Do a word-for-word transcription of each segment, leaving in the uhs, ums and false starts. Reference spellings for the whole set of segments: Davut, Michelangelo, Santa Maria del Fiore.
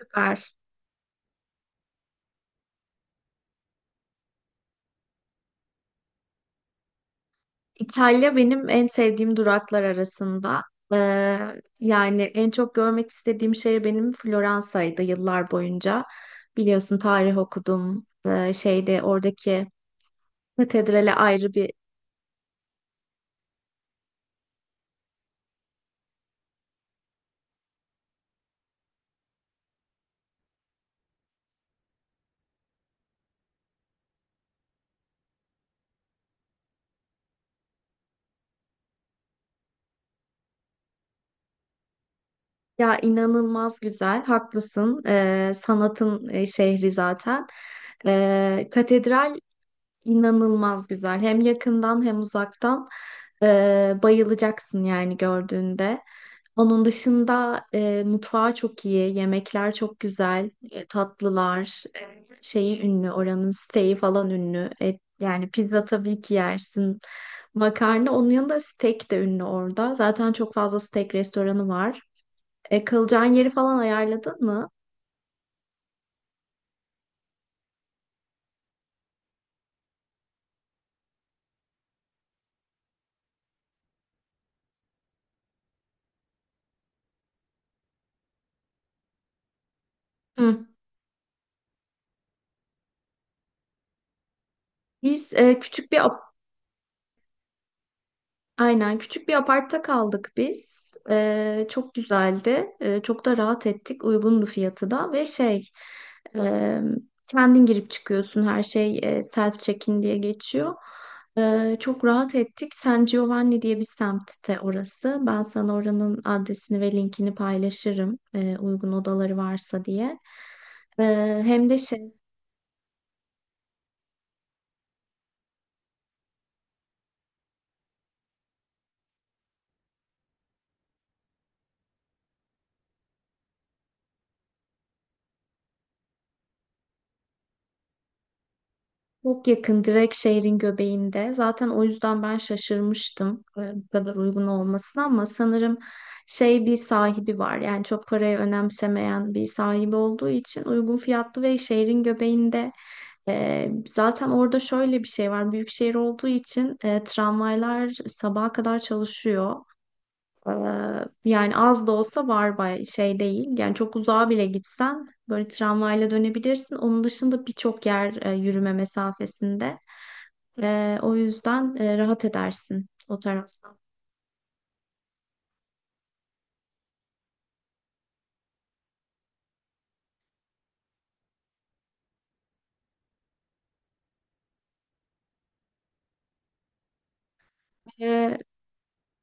Süper. İtalya benim en sevdiğim duraklar arasında. Ee, yani en çok görmek istediğim şehir benim Floransa'ydı yıllar boyunca. Biliyorsun tarih okudum. Ee, şeyde Oradaki katedrale ayrı bir ya inanılmaz güzel. Haklısın. Ee, sanatın e, şehri zaten. Ee, katedral inanılmaz güzel. Hem yakından hem uzaktan. Ee, bayılacaksın yani gördüğünde. Onun dışında e, mutfağı çok iyi, yemekler çok güzel, e, tatlılar, e, şeyi ünlü, oranın steak'i falan ünlü. Et, yani pizza tabii ki yersin. Makarna, onun yanında steak de ünlü orada. Zaten çok fazla steak restoranı var. E, kalacağın yeri falan ayarladın mı? Hı. Biz e, küçük bir aynen küçük bir apartta kaldık biz. Ee, çok güzeldi. Ee, çok da rahat ettik. Uygundu fiyatı da ve şey e, kendin girip çıkıyorsun. Her şey e, self check-in diye geçiyor. Ee, çok rahat ettik. San Giovanni diye bir semtte orası. Ben sana oranın adresini ve linkini paylaşırım. E, uygun odaları varsa diye. Ee, hem de şey Çok yakın, direkt şehrin göbeğinde. Zaten o yüzden ben şaşırmıştım e, bu kadar uygun olmasına ama sanırım şey bir sahibi var. Yani çok parayı önemsemeyen bir sahibi olduğu için uygun fiyatlı ve şehrin göbeğinde. E, zaten orada şöyle bir şey var. Büyük şehir olduğu için e, tramvaylar sabaha kadar çalışıyor. Ee, Yani az da olsa var bay şey değil. Yani çok uzağa bile gitsen böyle tramvayla dönebilirsin. Onun dışında birçok yer e, yürüme mesafesinde. Ee, o yüzden e, rahat edersin o taraftan.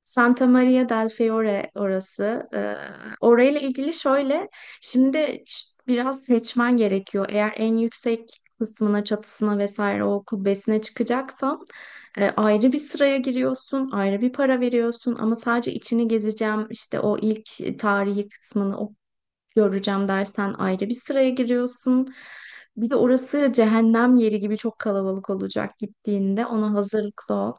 Santa Maria del Fiore orası. Ee, orayla ilgili şöyle, şimdi ş- biraz seçmen gerekiyor. Eğer en yüksek kısmına, çatısına vesaire o kubbesine çıkacaksan e, ayrı bir sıraya giriyorsun, ayrı bir para veriyorsun ama sadece içini gezeceğim, işte o ilk tarihi kısmını o göreceğim dersen ayrı bir sıraya giriyorsun. Bir de orası cehennem yeri gibi çok kalabalık olacak gittiğinde. Ona hazırlıklı ol.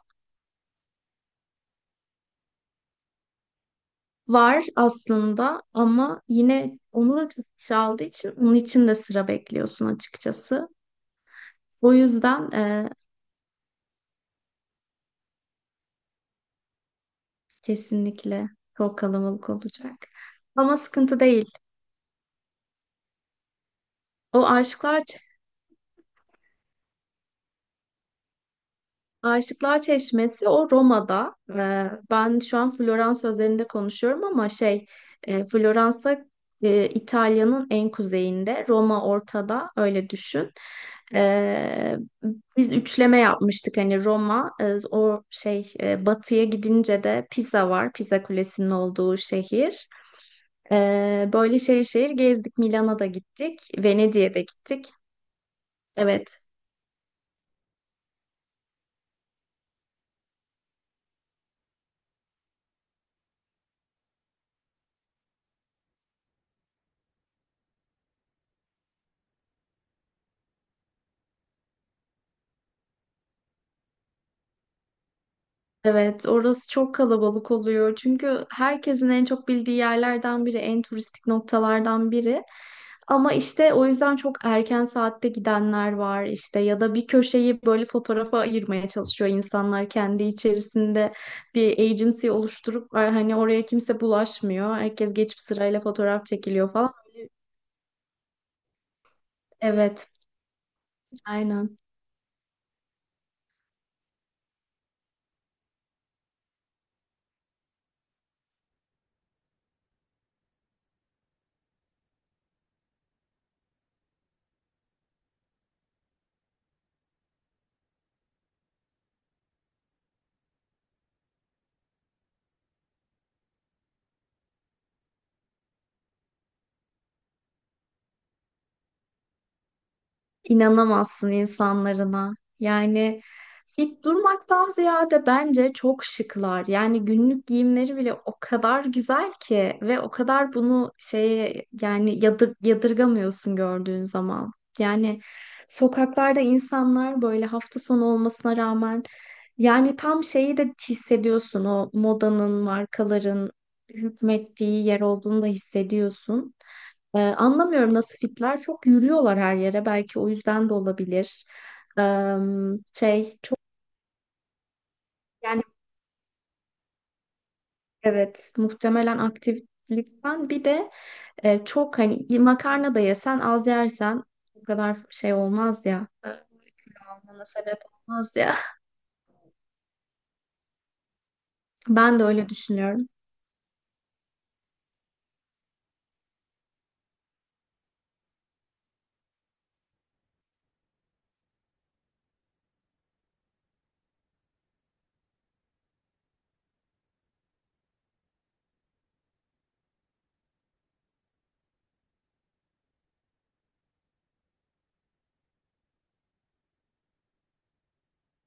Var aslında ama yine onu da çok çaldığı için onun için de sıra bekliyorsun açıkçası. O yüzden e, kesinlikle çok kalabalık olacak. Ama sıkıntı değil. O aşklar Aşıklar Çeşmesi o Roma'da. Ee, ben şu an Florans özelinde konuşuyorum ama şey e, Floransa e, İtalya'nın en kuzeyinde, Roma ortada öyle düşün. Ee, Biz üçleme yapmıştık hani Roma e, o şey e, batıya gidince de Pisa var. Pisa Kulesi'nin olduğu şehir. Ee, böyle şehir şehir gezdik. Milano'da da gittik, Venedik'e de gittik. Evet. Evet, orası çok kalabalık oluyor. Çünkü herkesin en çok bildiği yerlerden biri, en turistik noktalardan biri. Ama işte o yüzden çok erken saatte gidenler var işte ya da bir köşeyi böyle fotoğrafa ayırmaya çalışıyor insanlar kendi içerisinde bir agency oluşturup hani oraya kimse bulaşmıyor. Herkes geçip sırayla fotoğraf çekiliyor falan. Evet, aynen. İnanamazsın insanlarına. Yani fit durmaktan ziyade bence çok şıklar. Yani günlük giyimleri bile o kadar güzel ki ve o kadar bunu şeye yani yadır, yadırgamıyorsun gördüğün zaman. Yani sokaklarda insanlar böyle hafta sonu olmasına rağmen yani tam şeyi de hissediyorsun o modanın, markaların hükmettiği yer olduğunu da hissediyorsun. Ee, anlamıyorum nasıl fitler. Çok yürüyorlar her yere. Belki o yüzden de olabilir. Ee, şey çok yani Evet, muhtemelen aktiflikten bir de e, çok hani makarna da yesen az yersen o kadar şey olmaz ya. e, Almana sebep olmaz ya. Ben de öyle düşünüyorum.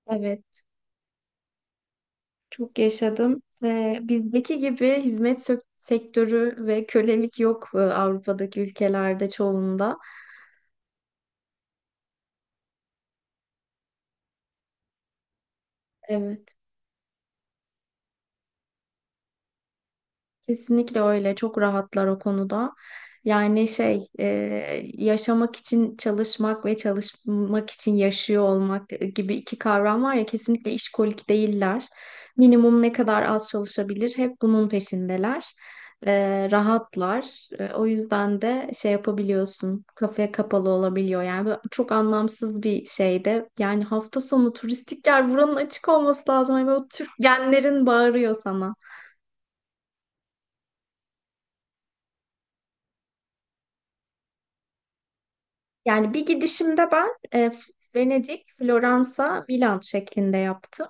Evet, çok yaşadım. Ee, bizdeki gibi hizmet sök- sektörü ve kölelik yok e, Avrupa'daki ülkelerde çoğunda. Evet. Kesinlikle öyle. Çok rahatlar o konuda. Yani şey, e, Yaşamak için çalışmak ve çalışmak için yaşıyor olmak e, gibi iki kavram var ya, kesinlikle işkolik değiller. Minimum ne kadar az çalışabilir hep bunun peşindeler. E, rahatlar. E, o yüzden de şey yapabiliyorsun. Kafaya kapalı olabiliyor. Yani böyle çok anlamsız bir şey de. Yani hafta sonu turistik yer buranın açık olması lazım. Yani böyle Türk genlerin bağırıyor sana. Yani bir gidişimde ben e, F- Venedik, Floransa, Milan şeklinde yaptım.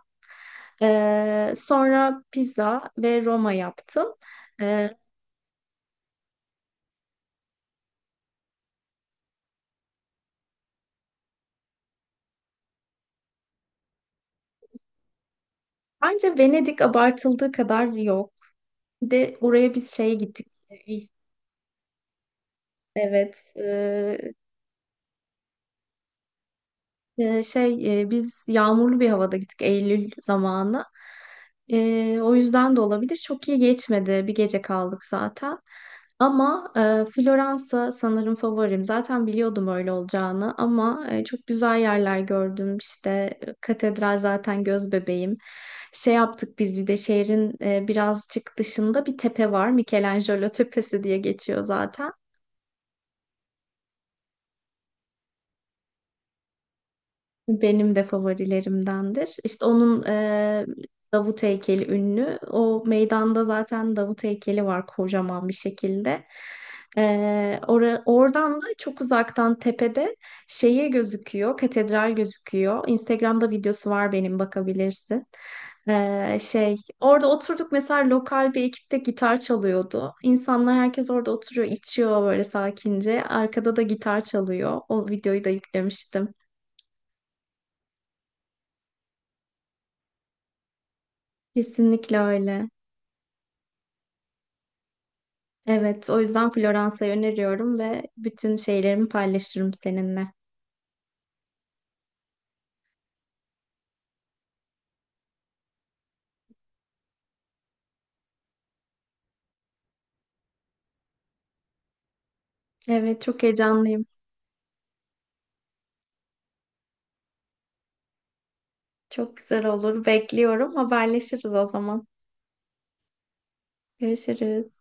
E, sonra Pisa ve Roma yaptım. E, Bence Venedik abartıldığı kadar yok. Bir de oraya biz şeye gittik. Evet, e, Ee, şey e, biz yağmurlu bir havada gittik Eylül zamanı. Ee, o yüzden de olabilir. Çok iyi geçmedi. Bir gece kaldık zaten. Ama e, Floransa sanırım favorim. Zaten biliyordum öyle olacağını ama e, çok güzel yerler gördüm. İşte e, katedral zaten göz bebeğim. Şey yaptık biz bir de şehrin e, birazcık dışında bir tepe var. Michelangelo Tepesi diye geçiyor zaten. Benim de favorilerimdendir. İşte onun e, Davut heykeli ünlü. O meydanda zaten Davut heykeli var kocaman bir şekilde. E, ora- oradan da çok uzaktan tepede şehir gözüküyor, katedral gözüküyor. Instagram'da videosu var benim, bakabilirsin. E, şey, orada oturduk, mesela lokal bir ekipte gitar çalıyordu. İnsanlar herkes orada oturuyor, içiyor böyle sakince. Arkada da gitar çalıyor. O videoyu da yüklemiştim. Kesinlikle öyle. Evet, o yüzden Floransa'yı öneriyorum ve bütün şeylerimi paylaşırım seninle. Evet, çok heyecanlıyım. Çok güzel olur. Bekliyorum. Haberleşiriz o zaman. Görüşürüz.